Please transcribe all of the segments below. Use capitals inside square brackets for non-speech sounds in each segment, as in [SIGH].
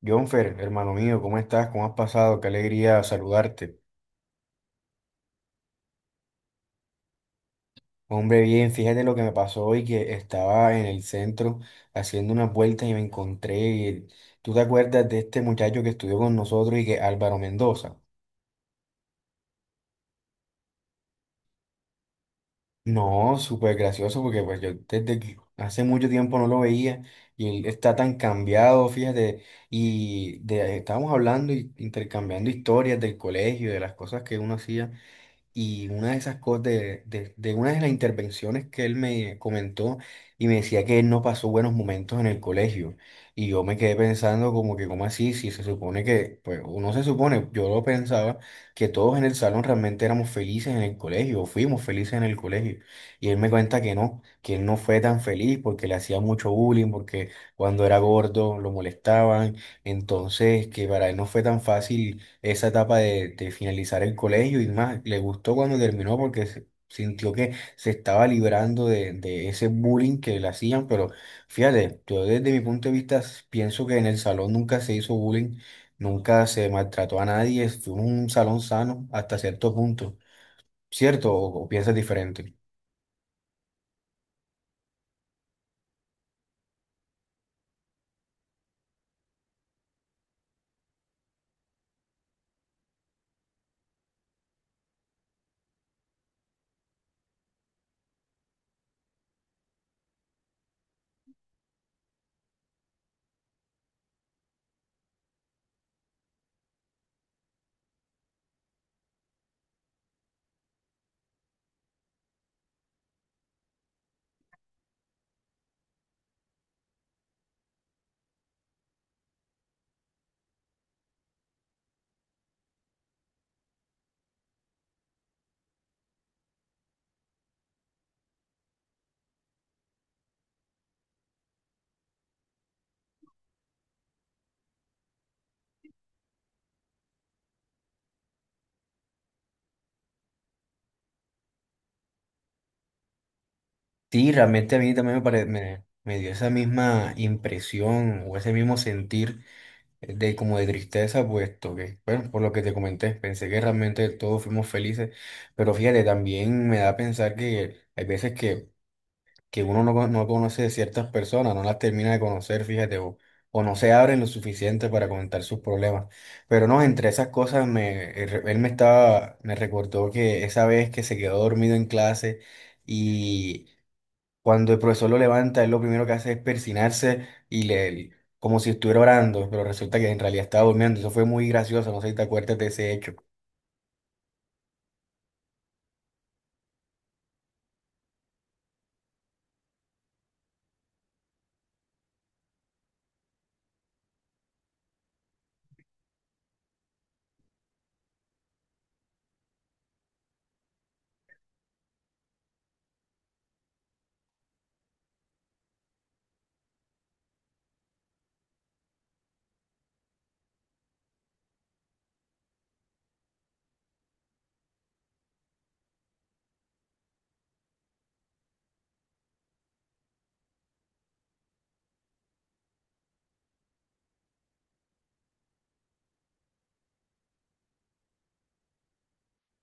Jonfer, hermano mío, ¿cómo estás? ¿Cómo has pasado? Qué alegría saludarte. Hombre, bien, fíjate lo que me pasó hoy, que estaba en el centro haciendo unas vueltas y me encontré. ¿Tú te acuerdas de este muchacho que estudió con nosotros y que Álvaro Mendoza? No, súper gracioso porque pues yo desde que hace mucho tiempo no lo veía y él está tan cambiado, fíjate, estábamos hablando y intercambiando historias del colegio, de las cosas que uno hacía. Y una de esas cosas, de una de las intervenciones que él me comentó y me decía que él no pasó buenos momentos en el colegio. Y yo me quedé pensando como que, ¿cómo así? Si se supone que, pues, o no se supone, yo lo pensaba, que todos en el salón realmente éramos felices en el colegio, o fuimos felices en el colegio. Y él me cuenta que no, que él no fue tan feliz porque le hacía mucho bullying, porque cuando era gordo lo molestaban. Entonces, que para él no fue tan fácil esa etapa de finalizar el colegio y más, le gustó cuando terminó porque sintió que se estaba librando de ese bullying que le hacían, pero fíjate, yo desde mi punto de vista pienso que en el salón nunca se hizo bullying, nunca se maltrató a nadie, fue un salón sano hasta cierto punto, ¿cierto? O piensas diferente? Sí, realmente a mí también me dio esa misma impresión o ese mismo sentir de como de tristeza, puesto que, bueno, por lo que te comenté, pensé que realmente todos fuimos felices, pero fíjate, también me da a pensar que hay veces que uno no, no conoce ciertas personas, no las termina de conocer, fíjate, o no se abren lo suficiente para comentar sus problemas. Pero no, entre esas cosas, él me estaba, me recordó que esa vez que se quedó dormido en clase y... Cuando el profesor lo levanta, él lo primero que hace es persinarse y le, como si estuviera orando, pero resulta que en realidad estaba durmiendo. Eso fue muy gracioso, no sé si te acuerdas de ese hecho.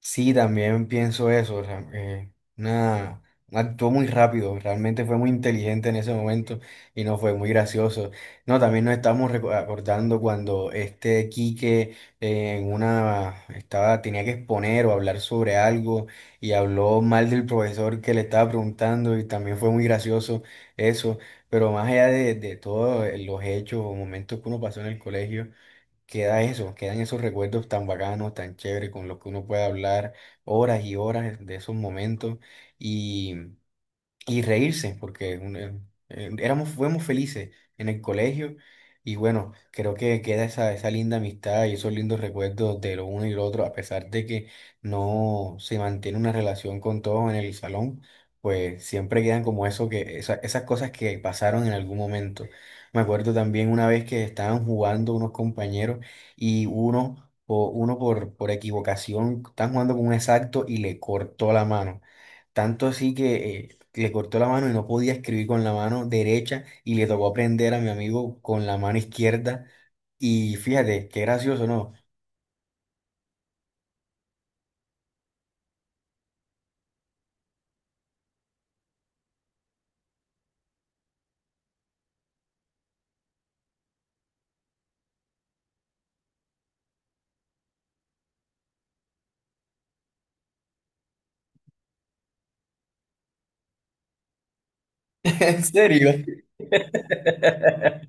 Sí, también pienso eso. O sea, una- actuó muy rápido, realmente fue muy inteligente en ese momento y no fue muy gracioso. No, también nos estamos acordando cuando este Quique en una estaba, tenía que exponer o hablar sobre algo y habló mal del profesor que le estaba preguntando y también fue muy gracioso eso. Pero más allá de todos los hechos o momentos que uno pasó en el colegio queda eso, quedan esos recuerdos tan bacanos, tan chéveres, con los que uno puede hablar horas y horas de esos momentos y reírse, porque éramos, fuimos felices en el colegio. Y bueno, creo que queda esa linda amistad y esos lindos recuerdos de lo uno y lo otro, a pesar de que no se mantiene una relación con todos en el salón, pues siempre quedan como eso que, esas cosas que pasaron en algún momento. Me acuerdo también una vez que estaban jugando unos compañeros y uno, por equivocación, estaban jugando con un exacto y le cortó la mano. Tanto así que le cortó la mano y no podía escribir con la mano derecha y le tocó aprender a mi amigo con la mano izquierda. Y fíjate, qué gracioso, ¿no? [LAUGHS] ¿En serio? [LAUGHS]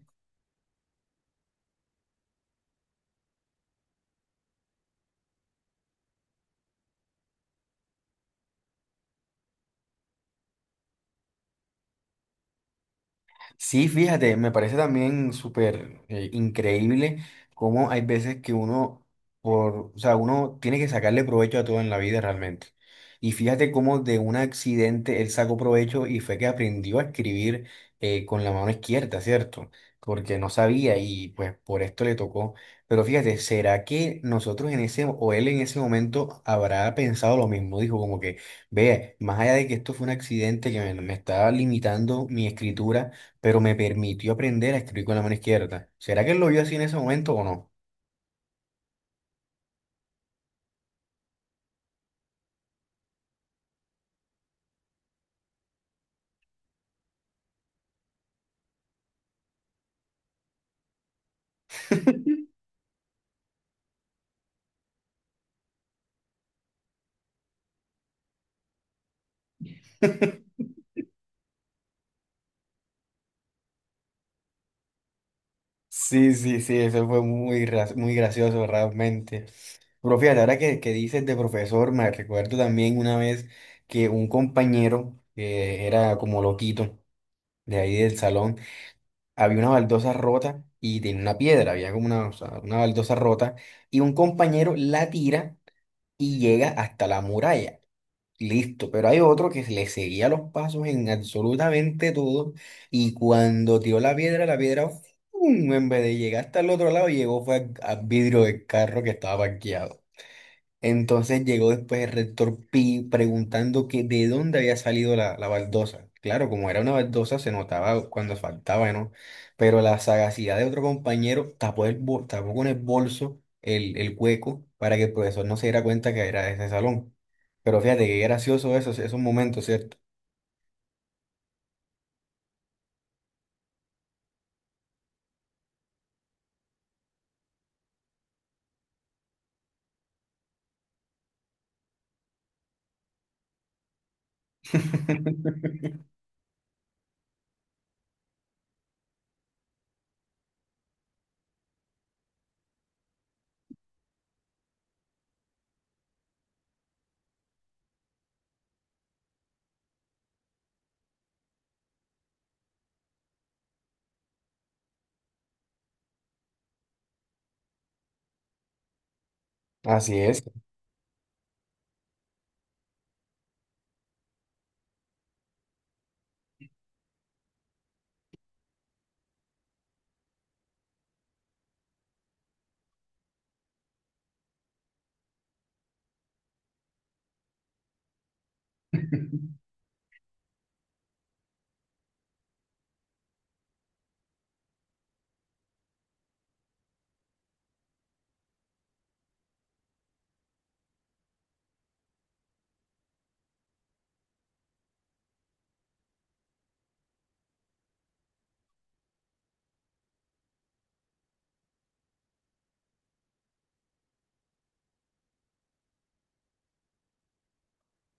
Sí, fíjate, me parece también súper increíble cómo hay veces que uno, por, o sea, uno tiene que sacarle provecho a todo en la vida realmente. Y fíjate cómo de un accidente él sacó provecho y fue que aprendió a escribir con la mano izquierda, ¿cierto? Porque no sabía y pues por esto le tocó. Pero fíjate, ¿será que nosotros en ese, o él en ese momento habrá pensado lo mismo? Dijo como que, ve, más allá de que esto fue un accidente que me estaba limitando mi escritura, pero me permitió aprender a escribir con la mano izquierda. ¿Será que él lo vio así en ese momento o no? [LAUGHS] Sí, sí, sí, eso fue muy gracioso realmente. Pero fíjate, ahora que dices de profesor, me recuerdo también una vez que un compañero que era como loquito de ahí del salón, había una baldosa rota y tenía una piedra, había como una, o sea, una baldosa rota y un compañero la tira y llega hasta la muralla. Listo, pero hay otro que le seguía los pasos en absolutamente todo y cuando tiró la piedra, ¡fum! En vez de llegar hasta el otro lado, llegó fue al vidrio del carro que estaba parqueado. Entonces llegó después el rector Pi preguntando que de dónde había salido la baldosa. Claro, como era una baldosa, se notaba cuando faltaba, ¿no? Pero la sagacidad de otro compañero tapó, tapó con el bolso el hueco para que el profesor no se diera cuenta que era de ese salón. Pero fíjate qué gracioso eso, esos momentos, ¿cierto? [LAUGHS] Así es.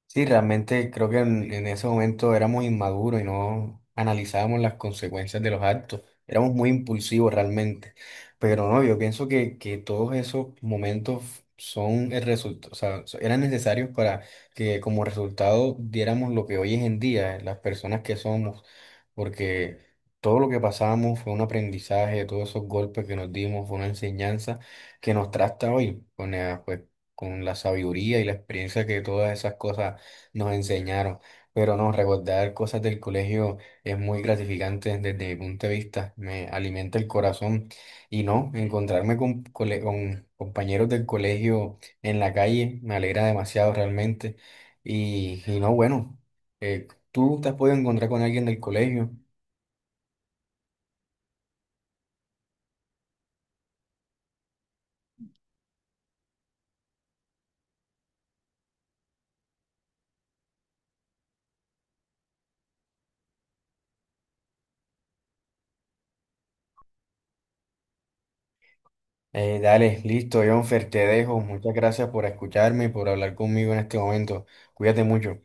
Sí, realmente creo que en ese momento éramos inmaduros y no analizábamos las consecuencias de los actos. Éramos muy impulsivos realmente. Pero no, yo pienso que todos esos momentos son el resultado, o sea, eran necesarios para que como resultado diéramos lo que hoy es en día, las personas que somos, porque todo lo que pasamos fue un aprendizaje, todos esos golpes que nos dimos fue una enseñanza que nos trata hoy con la, pues, con la sabiduría y la experiencia que todas esas cosas nos enseñaron. Pero no, recordar cosas del colegio es muy gratificante desde mi punto de vista, me alimenta el corazón. Y no, encontrarme con, con compañeros del colegio en la calle me alegra demasiado realmente. Y no, bueno, tú te has podido encontrar con alguien del colegio. Dale, listo, Jonfer, te dejo. Muchas gracias por escucharme y por hablar conmigo en este momento. Cuídate mucho.